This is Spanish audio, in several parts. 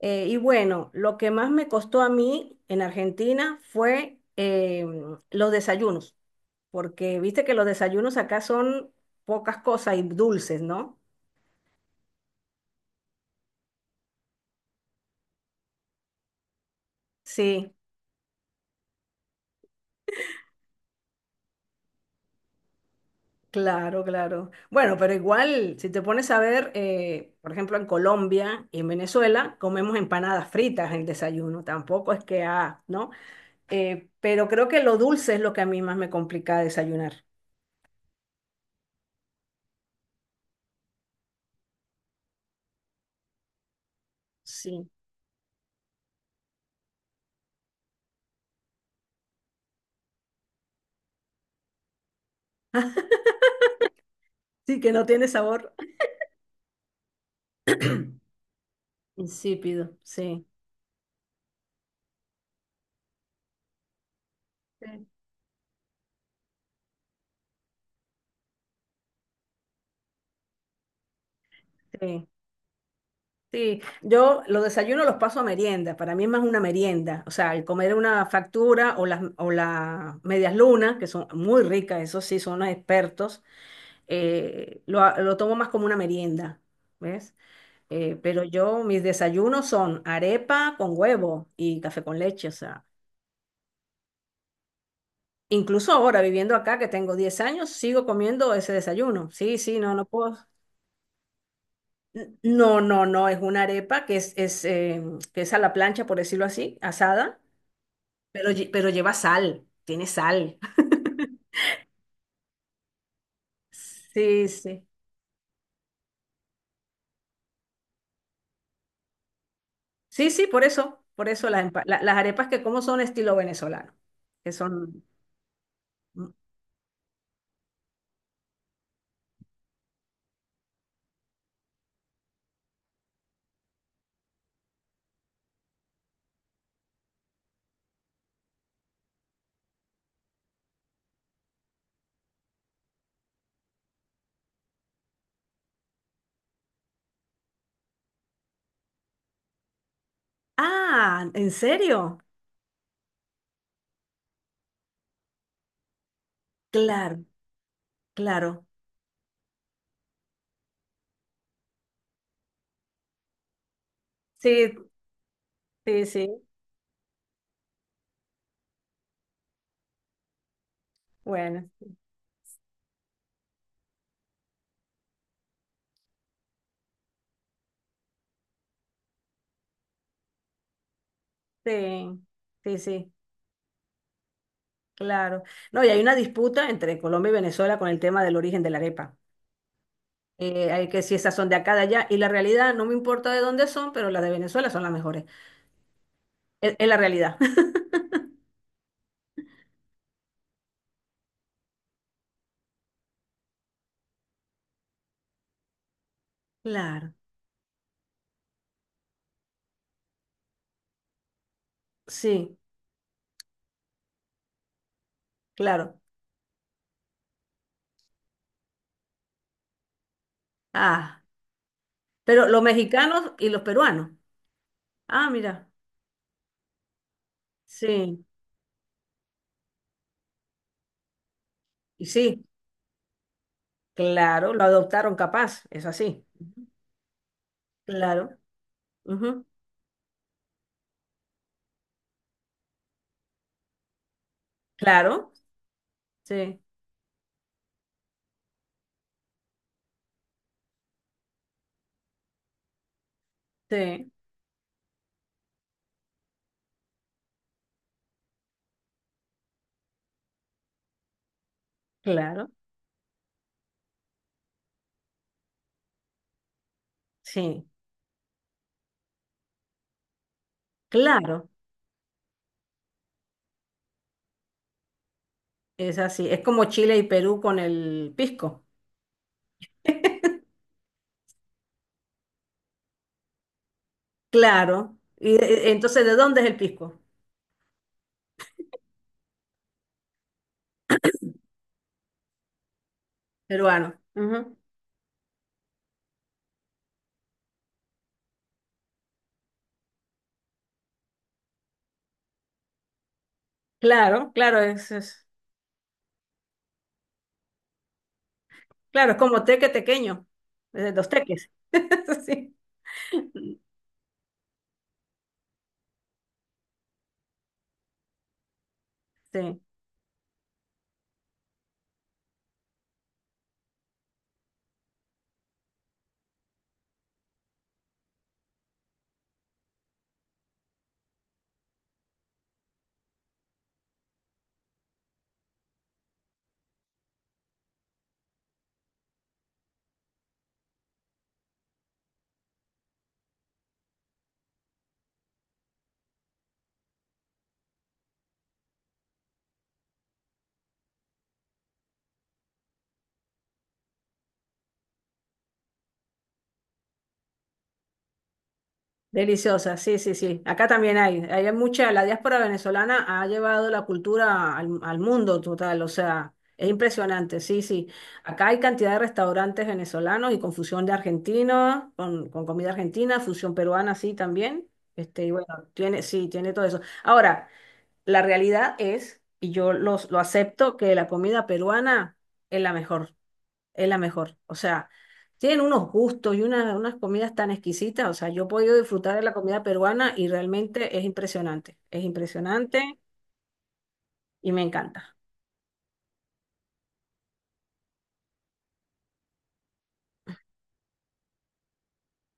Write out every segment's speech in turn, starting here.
Y bueno, lo que más me costó a mí en Argentina fue los desayunos, porque viste que los desayunos acá son pocas cosas y dulces, ¿no? Sí, claro, claro. Bueno, pero igual, si te pones a ver, por ejemplo, en Colombia y en Venezuela, comemos empanadas fritas en el desayuno, tampoco es que, ah, ¿no? Pero creo que lo dulce es lo que a mí más me complica desayunar. Sí. Sí, que no tiene sabor. Insípido, sí. Sí. Sí. Sí, yo los desayunos los paso a merienda, para mí es más una merienda, o sea, el comer una factura o las medias lunas, que son muy ricas, eso sí, son unos expertos, lo tomo más como una merienda, ¿ves? Pero yo, mis desayunos son arepa con huevo y café con leche, o sea, incluso ahora viviendo acá que tengo 10 años, sigo comiendo ese desayuno, sí, sí, no, no puedo. No, no, no, es una arepa que es a la plancha, por decirlo así, asada. Pero lleva sal, tiene sal. Sí, sí. Sí, sí, por eso las arepas que como son estilo venezolano, que son. mm, Ah, ¿en serio? Claro, claro. Sí, sí, sí. Bueno, sí, sí, sí, claro. No, y hay una disputa entre Colombia y Venezuela con el tema del origen de la arepa. Hay que si esas son de acá, de allá, y la realidad, no me importa de dónde son, pero las de Venezuela son las mejores. Es la realidad. Claro, sí, claro. Ah, pero los mexicanos y los peruanos. Ah, mira, sí, y sí, claro, lo adoptaron capaz, es así. Claro, ujú, claro, sí, sí, claro, sí, claro, es así. Es como Chile y Perú con el pisco. Claro, y entonces, ¿de dónde es el pisco? Peruano. Ujú, claro, claro, claro, es como teque tequeño, los teques. Sí. Sí. Deliciosa, sí, sí, sí. Acá también la diáspora venezolana ha llevado la cultura al mundo total, o sea, es impresionante, sí, sí. Acá hay cantidad de restaurantes venezolanos y con fusión de argentinos, con comida argentina, fusión peruana, sí, también. Este, y bueno, tiene, sí, tiene todo eso. Ahora, la realidad es, y yo lo acepto, que la comida peruana es la mejor, es la mejor. O sea, tienen unos gustos y unas comidas tan exquisitas. O sea, yo he podido disfrutar de la comida peruana y realmente es impresionante. Es impresionante y me encanta.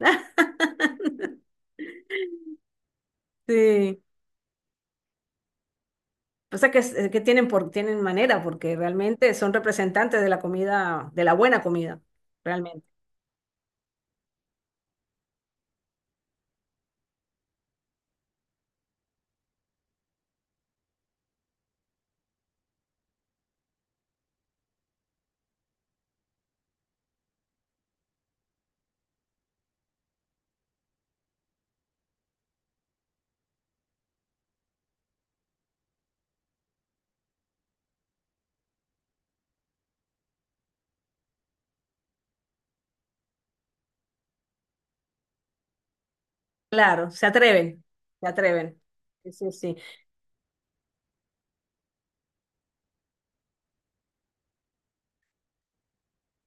Sí. Pasa que, es que tienen manera, porque realmente son representantes de la comida, de la buena comida, realmente. Claro, se atreven, se atreven. Sí, sí, sí.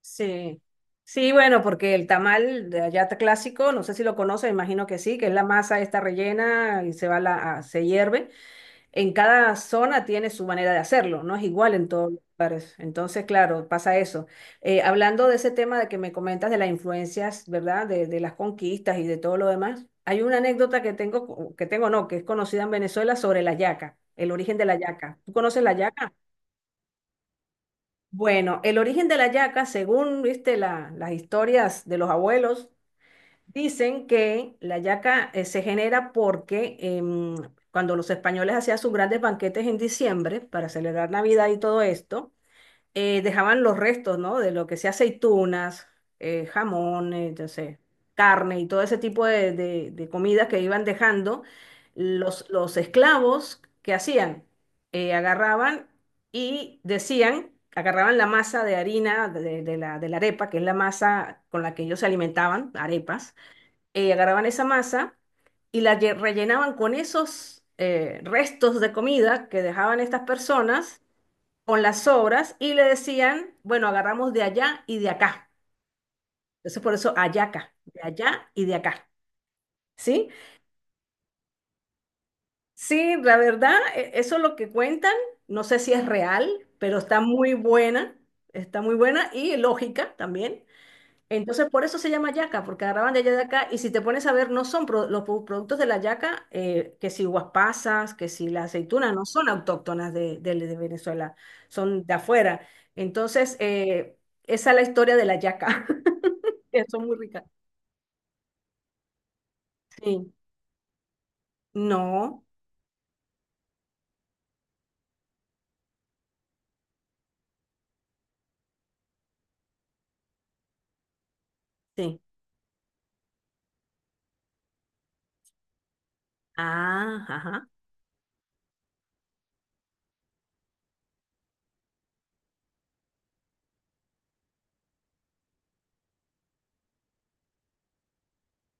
Sí, sí, bueno, porque el tamal de allá clásico, no sé si lo conoces, imagino que sí, que es la masa esta rellena y se va la, a- se hierve. En cada zona tiene su manera de hacerlo, no es igual en todos los lugares. Entonces, claro, pasa eso. Hablando de ese tema de que me comentas de las influencias, ¿verdad? De las conquistas y de todo lo demás, hay una anécdota que tengo, que tengo no, que es conocida en Venezuela sobre la yaca, el origen de la yaca. ¿Tú conoces la yaca? Bueno, el origen de la yaca, según viste las historias de los abuelos, dicen que la yaca se genera porque cuando los españoles hacían sus grandes banquetes en diciembre para celebrar Navidad y todo esto, dejaban los restos, ¿no? De lo que sea aceitunas, jamón, yo sé, carne y todo ese tipo de comidas que iban dejando, los esclavos, ¿qué hacían? Agarraban y decían, agarraban la masa de harina de la arepa, que es la masa con la que ellos se alimentaban, arepas, agarraban esa masa y la rellenaban con esos restos de comida que dejaban estas personas con las obras y le decían, bueno, agarramos de allá y de acá. Entonces por eso ayaca, de allá y de acá. ¿Sí? Sí, la verdad, eso es lo que cuentan. No sé si es real, pero está muy buena y lógica también. Entonces, por eso se llama yaca, porque agarraban de allá de acá. Y si te pones a ver, no son los productos de la yaca, que si guaspasas, que si la aceituna, no son autóctonas de Venezuela, son de afuera. Entonces, esa es la historia de la yaca, que son muy ricas. Sí. No, sí. Ah, ajá.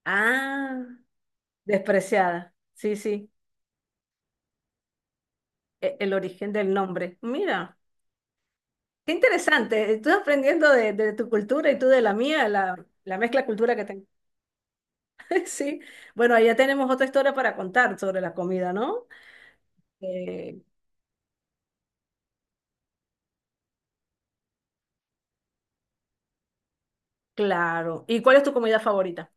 Ah, despreciada. Sí, sí. El origen del nombre. Mira, qué interesante. Estoy aprendiendo de tu cultura y tú de la mía, la mezcla cultura que tengo. Sí, bueno, ahí ya tenemos otra historia para contar sobre la comida, ¿no? Eh, claro. ¿Y cuál es tu comida favorita?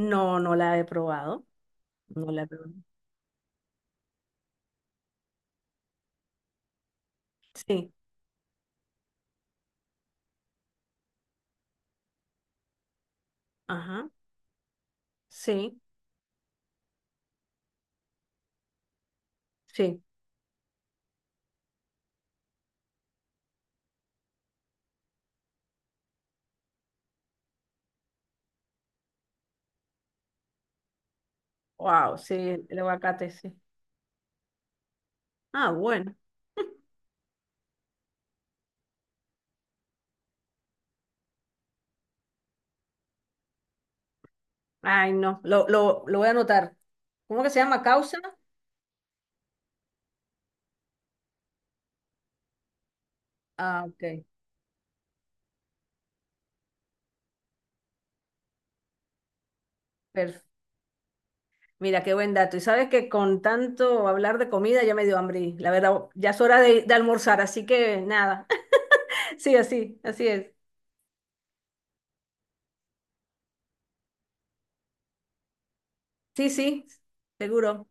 No, no la he probado. No la he probado. Sí, ajá, sí, sí. Wow, sí, el aguacate, sí. Ah, bueno. Ay, no, lo voy a anotar. ¿Cómo que se llama? ¿Causa? Ah, ok. Perfecto. Mira, qué buen dato. Y sabes que con tanto hablar de comida ya me dio hambre, y la verdad, ya es hora de almorzar, así que nada. Sí, así, así es. Sí, sí, seguro.